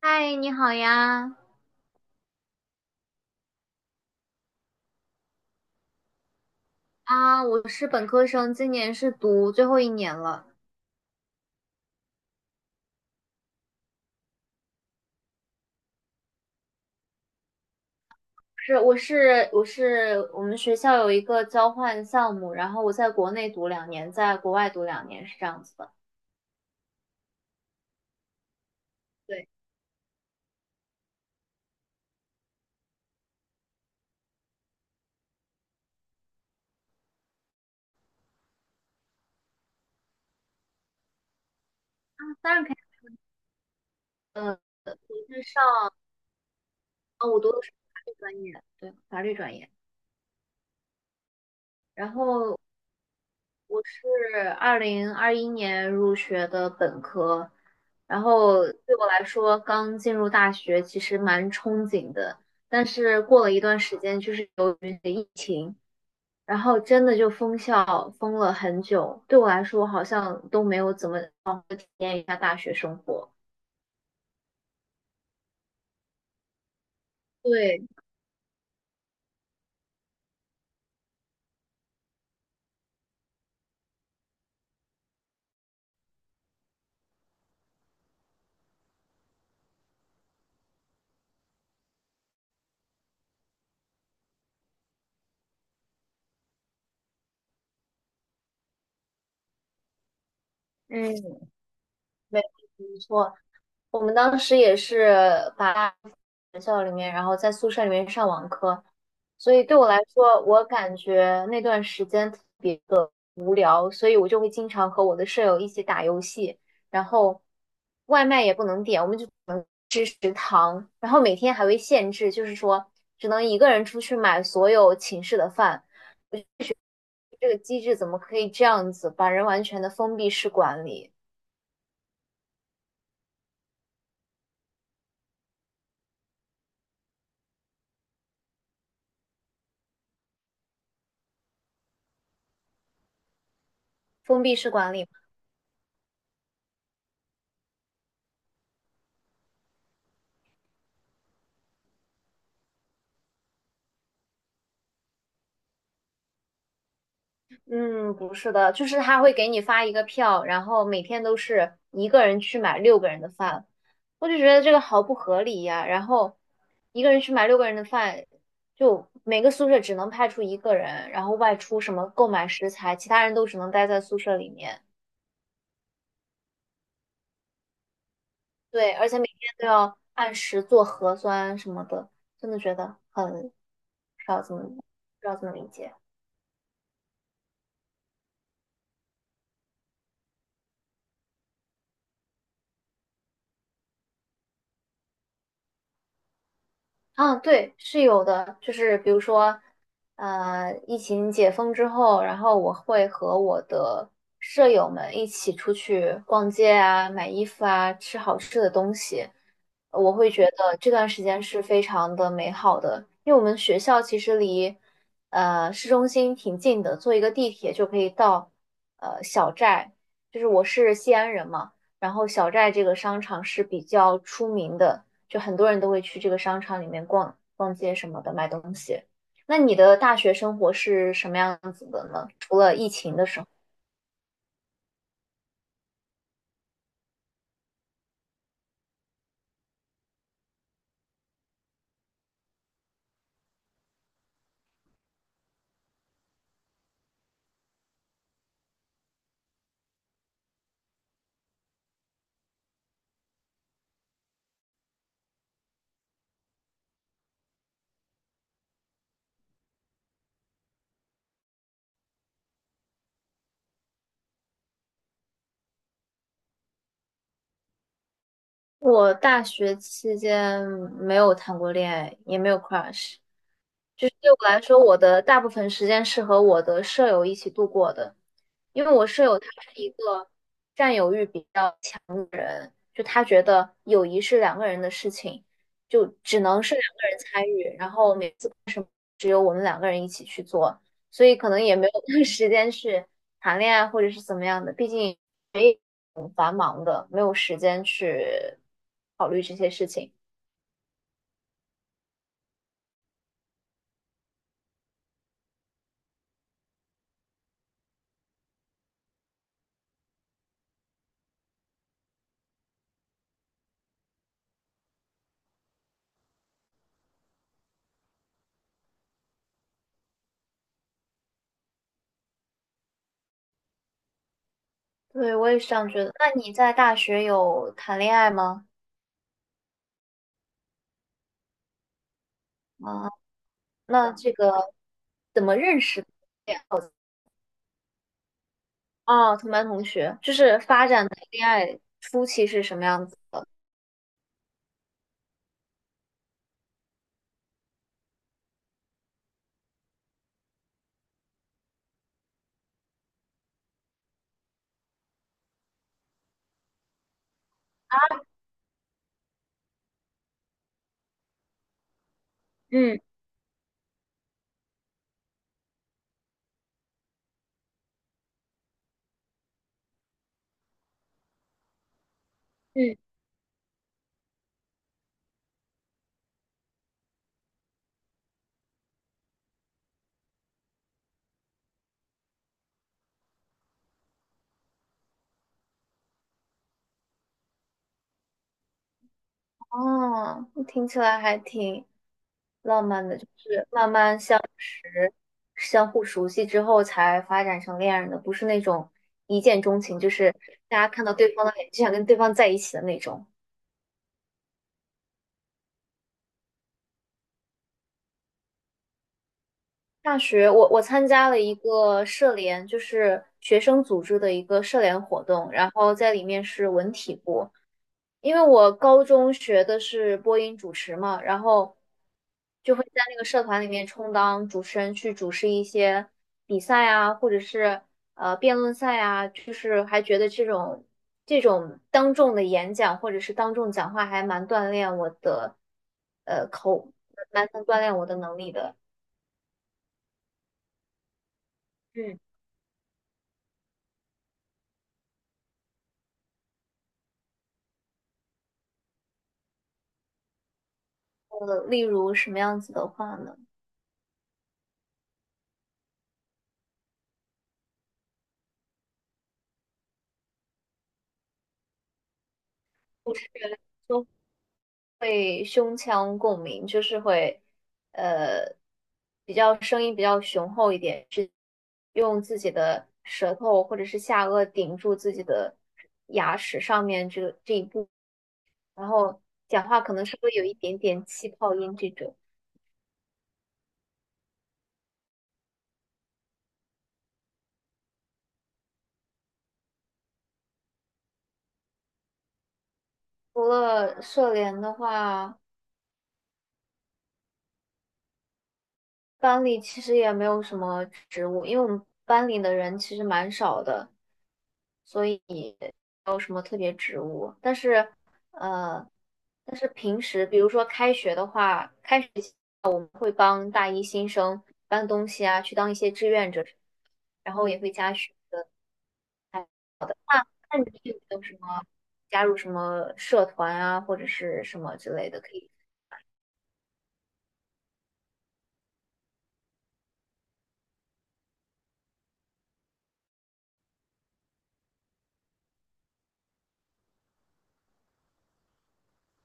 嗨，你好呀！啊，我是本科生，今年是读最后一年了。是，我是我们学校有一个交换项目，然后我在国内读两年，在国外读两年，是这样子的。对，当然可以。呃，我是上，啊，我读的是法律专业，对，法律专业。然后我是2021年入学的本科，然后对我来说，刚进入大学其实蛮憧憬的，但是过了一段时间，就是由于疫情，然后真的就封校封了很久，对我来说好像都没有怎么体验一下大学生活。对，嗯，没没错，我们当时也是把。学校里面，然后在宿舍里面上网课，所以对我来说，我感觉那段时间特别无聊，所以我就会经常和我的舍友一起打游戏，然后外卖也不能点，我们就吃食堂，然后每天还会限制，就是说只能一个人出去买所有寝室的饭，这个机制怎么可以这样子把人完全的封闭式管理？封闭式管理。嗯，不是的，就是他会给你发一个票，然后每天都是一个人去买六个人的饭，我就觉得这个好不合理呀。然后一个人去买六个人的饭，就每个宿舍只能派出一个人，然后外出什么购买食材，其他人都只能待在宿舍里面。对，而且每天都要按时做核酸什么的，真的觉得很不知道怎么不知道怎么理解。啊，对，是有的，就是比如说，疫情解封之后，然后我会和我的舍友们一起出去逛街啊，买衣服啊，吃好吃的东西。我会觉得这段时间是非常的美好的，因为我们学校其实离市中心挺近的，坐一个地铁就可以到小寨。就是我是西安人嘛，然后小寨这个商场是比较出名的。就很多人都会去这个商场里面逛逛街什么的，买东西。那你的大学生活是什么样子的呢？除了疫情的时候，我大学期间没有谈过恋爱，也没有 crush。就是对我来说，我的大部分时间是和我的舍友一起度过的，因为我舍友他是一个占有欲比较强，就他觉得友谊是两个人的事情，就只能是两个人参与，然后每次。只有我们两个人一起去做，所以可能也没有时间去谈恋爱或者是怎么样的，毕竟也挺繁忙的，没有时间去考虑这些事情。对，我也是这样觉得。那你在大学有谈恋爱吗？啊，那这个怎么认识的呀？哦，同班同学，就是发展的恋爱初期是什么样子？嗯嗯。哦，那听起来还挺浪漫的，就是慢慢相识、相互熟悉之后才发展成恋人的，不是那种一见钟情，就是大家看到对方的脸就想跟对方在一起的那种。大学我参加了一个社联，就是学生组织的一个社联活动，然后在里面是文体部，因为我高中学的是播音主持嘛，然后就会在那个社团里面充当主持人，去主持一些比赛啊，或者是辩论赛啊，就是还觉得这种当众的演讲或者是当众讲话还蛮锻炼我的呃口，蛮能锻炼我的能力的。嗯，例如什么样子的话呢？会胸腔共鸣，就是会呃比较声音比较雄厚一点，是用自己的舌头或者是下颚顶住自己的牙齿上面这一步，然后讲话可能是会有一点点气泡音这种。除了社联的话，班里其实也没有什么职务，因为我们班里的人其实蛮少的，所以没有什么特别职务。但是，呃，但是平时比如说开学的话，开学前我们会帮大一新生搬东西啊，去当一些志愿者，然后也会加学。哎，那你有没有什么加入什么社团啊，或者是什么之类的可以？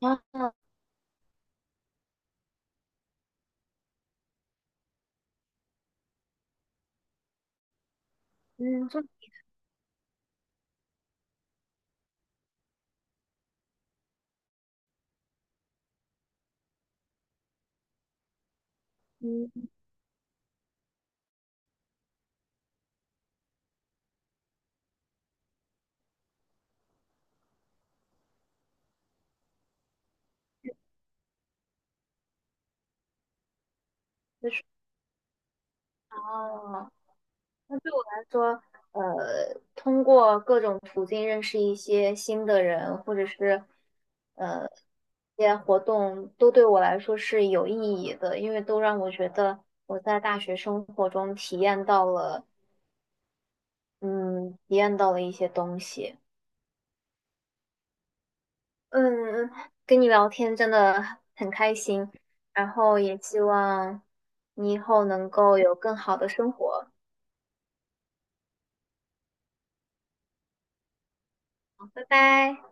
啊，嗯，那嗯，哦。那对通过各种途径认识一些新的人，或者是一些活动，都对我来说是有意义的，因为都让我觉得我在大学生活中体验到了，嗯，体验到了一些东西。嗯，跟你聊天真的很开心，然后也希望你以后能够有更好的生活。拜拜。